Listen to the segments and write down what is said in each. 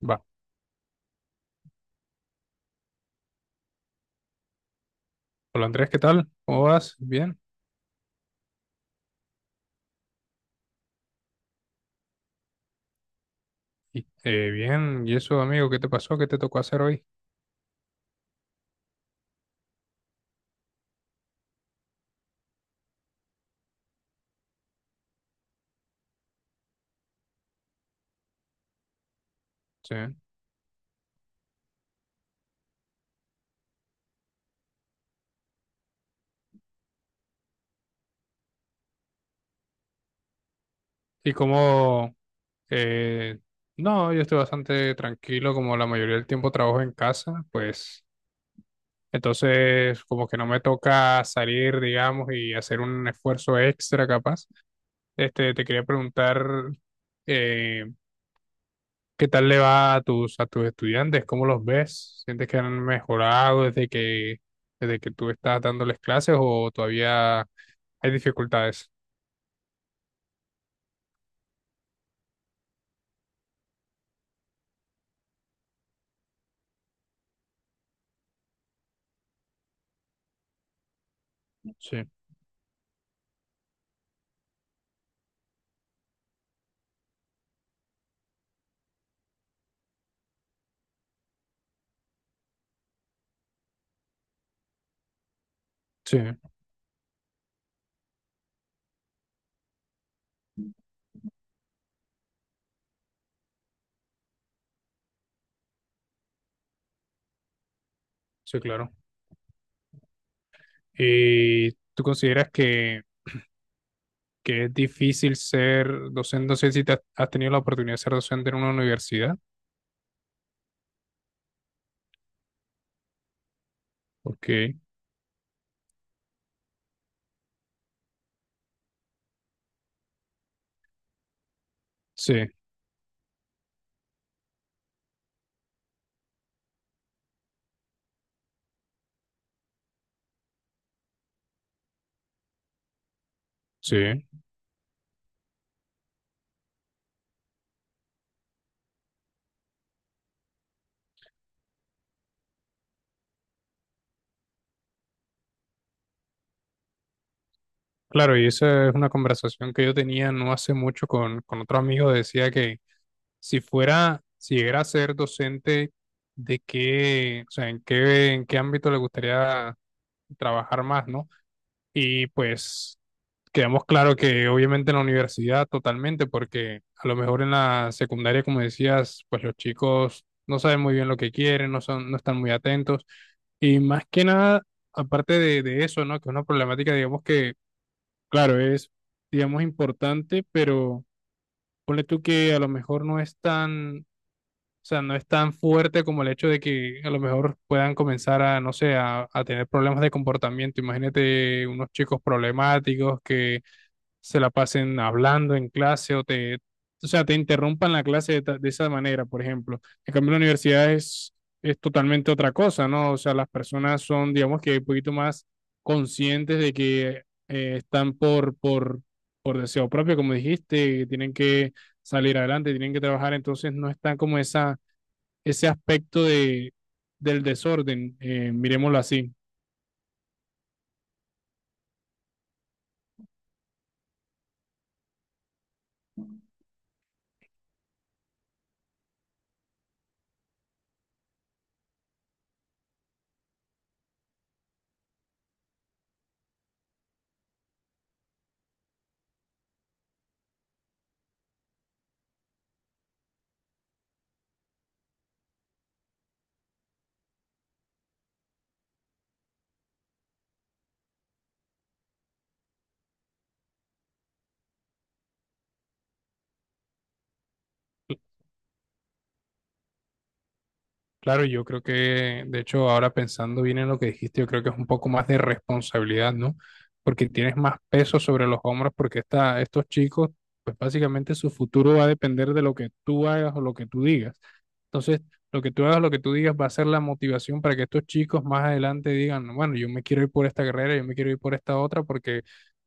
Va. Hola Andrés, ¿qué tal? ¿Cómo vas? Bien. Bien, ¿y eso, amigo? ¿Qué te pasó? ¿Qué te tocó hacer hoy? Sí. ¿Y cómo? eh, no, yo estoy bastante tranquilo, como la mayoría del tiempo trabajo en casa, pues entonces como que no me toca salir, digamos, y hacer un esfuerzo extra capaz. Este, te quería preguntar, eh, ¿qué tal le va a tus estudiantes? ¿Cómo los ves? ¿Sientes que han mejorado desde que tú estás dándoles clases o todavía hay dificultades? Sí, sí, sí, claro. ¿Y tú consideras que es difícil ser docente? No sé si te has, has tenido la oportunidad de ser docente en una universidad. Ok, sí, sí. Claro, y esa es una conversación que yo tenía no hace mucho con otro amigo. Decía que si fuera, si llegara a ser docente, ¿de qué, o sea, en qué ámbito le gustaría trabajar más? ¿No? Y pues quedamos claro que obviamente en la universidad totalmente, porque a lo mejor en la secundaria, como decías, pues los chicos no saben muy bien lo que quieren, no son, no están muy atentos. Y más que nada, aparte de eso, ¿no? Que es una problemática, digamos que, claro, es, digamos, importante, pero ponle tú que a lo mejor no es tan o sea, no es tan fuerte como el hecho de que a lo mejor puedan comenzar a, no sé, a tener problemas de comportamiento. Imagínate unos chicos problemáticos que se la pasen hablando en clase o te, o sea, te interrumpan la clase de, de esa manera, por ejemplo. En cambio, la universidad es totalmente otra cosa, ¿no? O sea, las personas son, digamos que un poquito más conscientes de que están por deseo propio, como dijiste, que tienen que salir adelante, tienen que trabajar, entonces no están como esa ese aspecto de, del desorden, miremoslo así. Claro, yo creo que, de hecho, ahora pensando bien en lo que dijiste, yo creo que es un poco más de responsabilidad, ¿no? Porque tienes más peso sobre los hombros, porque esta, estos chicos, pues básicamente su futuro va a depender de lo que tú hagas o lo que tú digas. Entonces, lo que tú hagas, lo que tú digas, va a ser la motivación para que estos chicos más adelante digan, bueno, yo me quiero ir por esta carrera, yo me quiero ir por esta otra, porque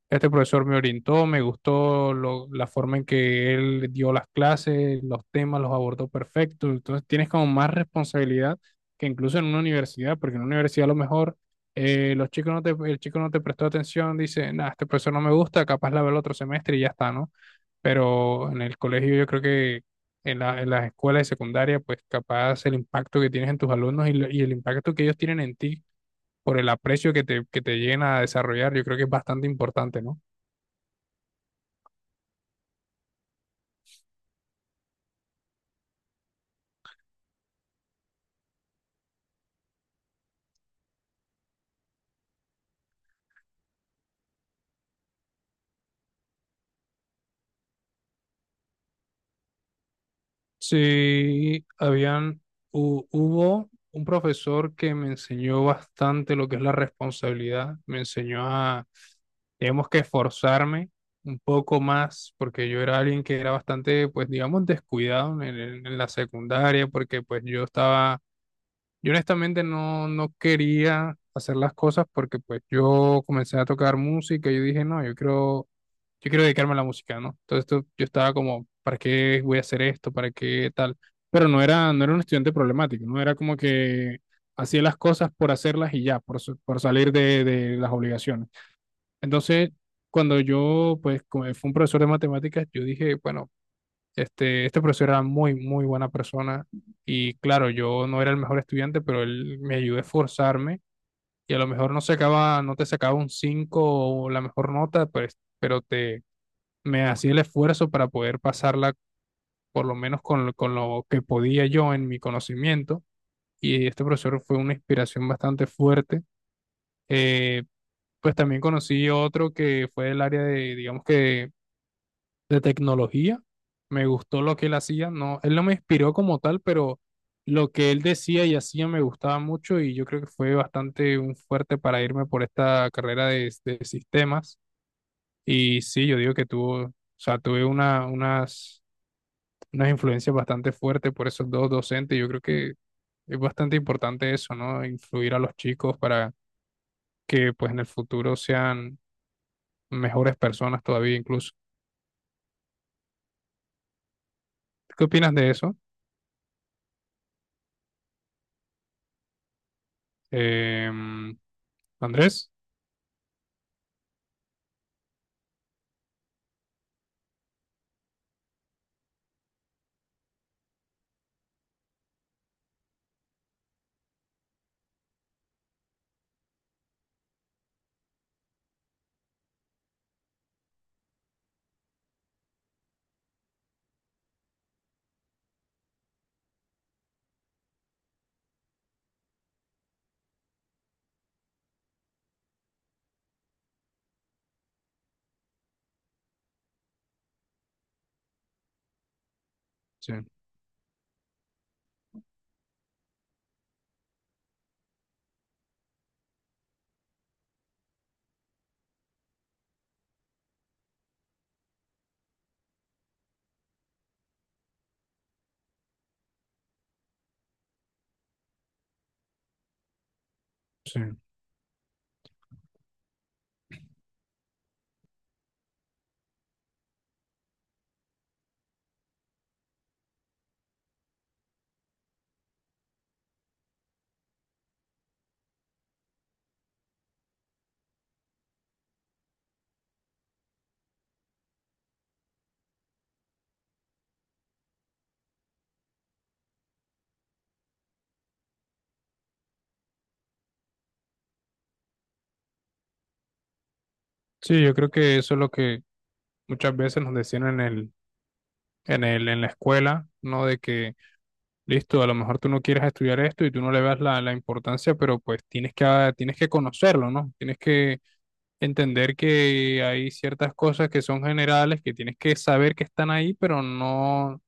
este profesor me orientó, me gustó la forma en que él dio las clases, los temas los abordó perfecto. Entonces tienes como más responsabilidad que incluso en una universidad, porque en una universidad a lo mejor los chicos no te, el chico no te prestó atención, dice, nah, este profesor no me gusta, capaz la veo el otro semestre y ya está, ¿no? Pero en el colegio yo creo que en la, en las escuelas de secundaria, pues capaz el impacto que tienes en tus alumnos y, y el impacto que ellos tienen en ti por el aprecio que te lleguen a desarrollar, yo creo que es bastante importante, ¿no? Sí, habían, hubo un profesor que me enseñó bastante lo que es la responsabilidad, me enseñó a, digamos que esforzarme un poco más, porque yo era alguien que era bastante, pues digamos, descuidado en, en la secundaria, porque pues yo estaba yo honestamente no, no quería hacer las cosas porque pues yo comencé a tocar música y yo dije, no, yo quiero dedicarme a la música, ¿no? Yo estaba como, ¿para qué voy a hacer esto? ¿Para qué tal? Pero no era, no era un estudiante problemático, no era como que hacía las cosas por hacerlas y ya, por, por salir de las obligaciones. Entonces, cuando yo, pues, como fue un profesor de matemáticas, yo dije, bueno, este profesor era muy, muy buena persona y claro, yo no era el mejor estudiante, pero él me ayudó a esforzarme y a lo mejor no sacaba, no te sacaba un 5 o la mejor nota, pues, pero te, me hacía el esfuerzo para poder pasarla por lo menos con, con lo que podía yo en mi conocimiento y este profesor fue una inspiración bastante fuerte. Eh, pues también conocí otro que fue del área de, digamos que de tecnología. Me gustó lo que él hacía. No, él no me inspiró como tal, pero lo que él decía y hacía me gustaba mucho y yo creo que fue bastante un fuerte para irme por esta carrera de sistemas. Y sí, yo digo que tuvo, o sea, tuve una, unas, unas influencias bastante fuertes por esos dos docentes. Yo creo que es bastante importante eso, ¿no? Influir a los chicos para que pues en el futuro sean mejores personas todavía incluso. ¿Qué opinas de eso? Em, Andrés, sí, sí. Sí, yo creo que eso es lo que muchas veces nos decían en el, en el, en la escuela, ¿no? De que, listo, a lo mejor tú no quieres estudiar esto y tú no le das la, la importancia, pero pues tienes que, ah, tienes que conocerlo, ¿no? Tienes que entender que hay ciertas cosas que son generales, que tienes que saber que están ahí, pero no,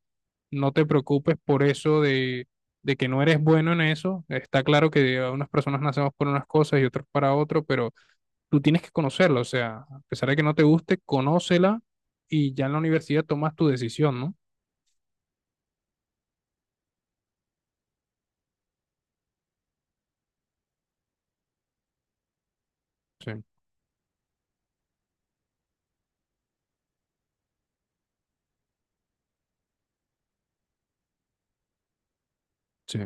no te preocupes por eso de que no eres bueno en eso. Está claro que unas personas nacemos por unas cosas y otros para otro, pero tú tienes que conocerla, o sea, a pesar de que no te guste, conócela y ya en la universidad tomas tu decisión, ¿no? Sí, sí,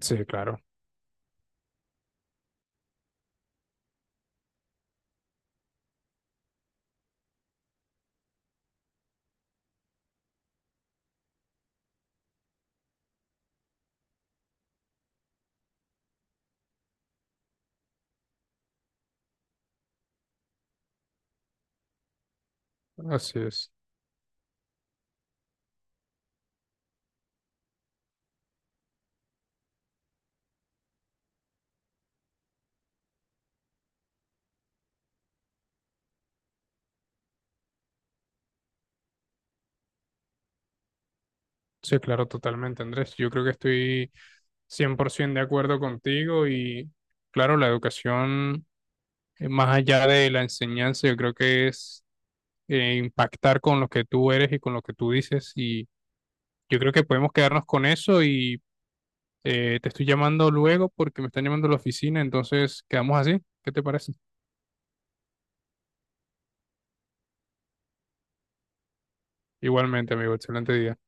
sí, claro, así es. Sí, claro, totalmente, Andrés. Yo creo que estoy 100% de acuerdo contigo y claro, la educación, más allá de la enseñanza, yo creo que es impactar con lo que tú eres y con lo que tú dices y yo creo que podemos quedarnos con eso y te estoy llamando luego porque me están llamando a la oficina, entonces quedamos así. ¿Qué te parece? Igualmente, amigo, excelente día.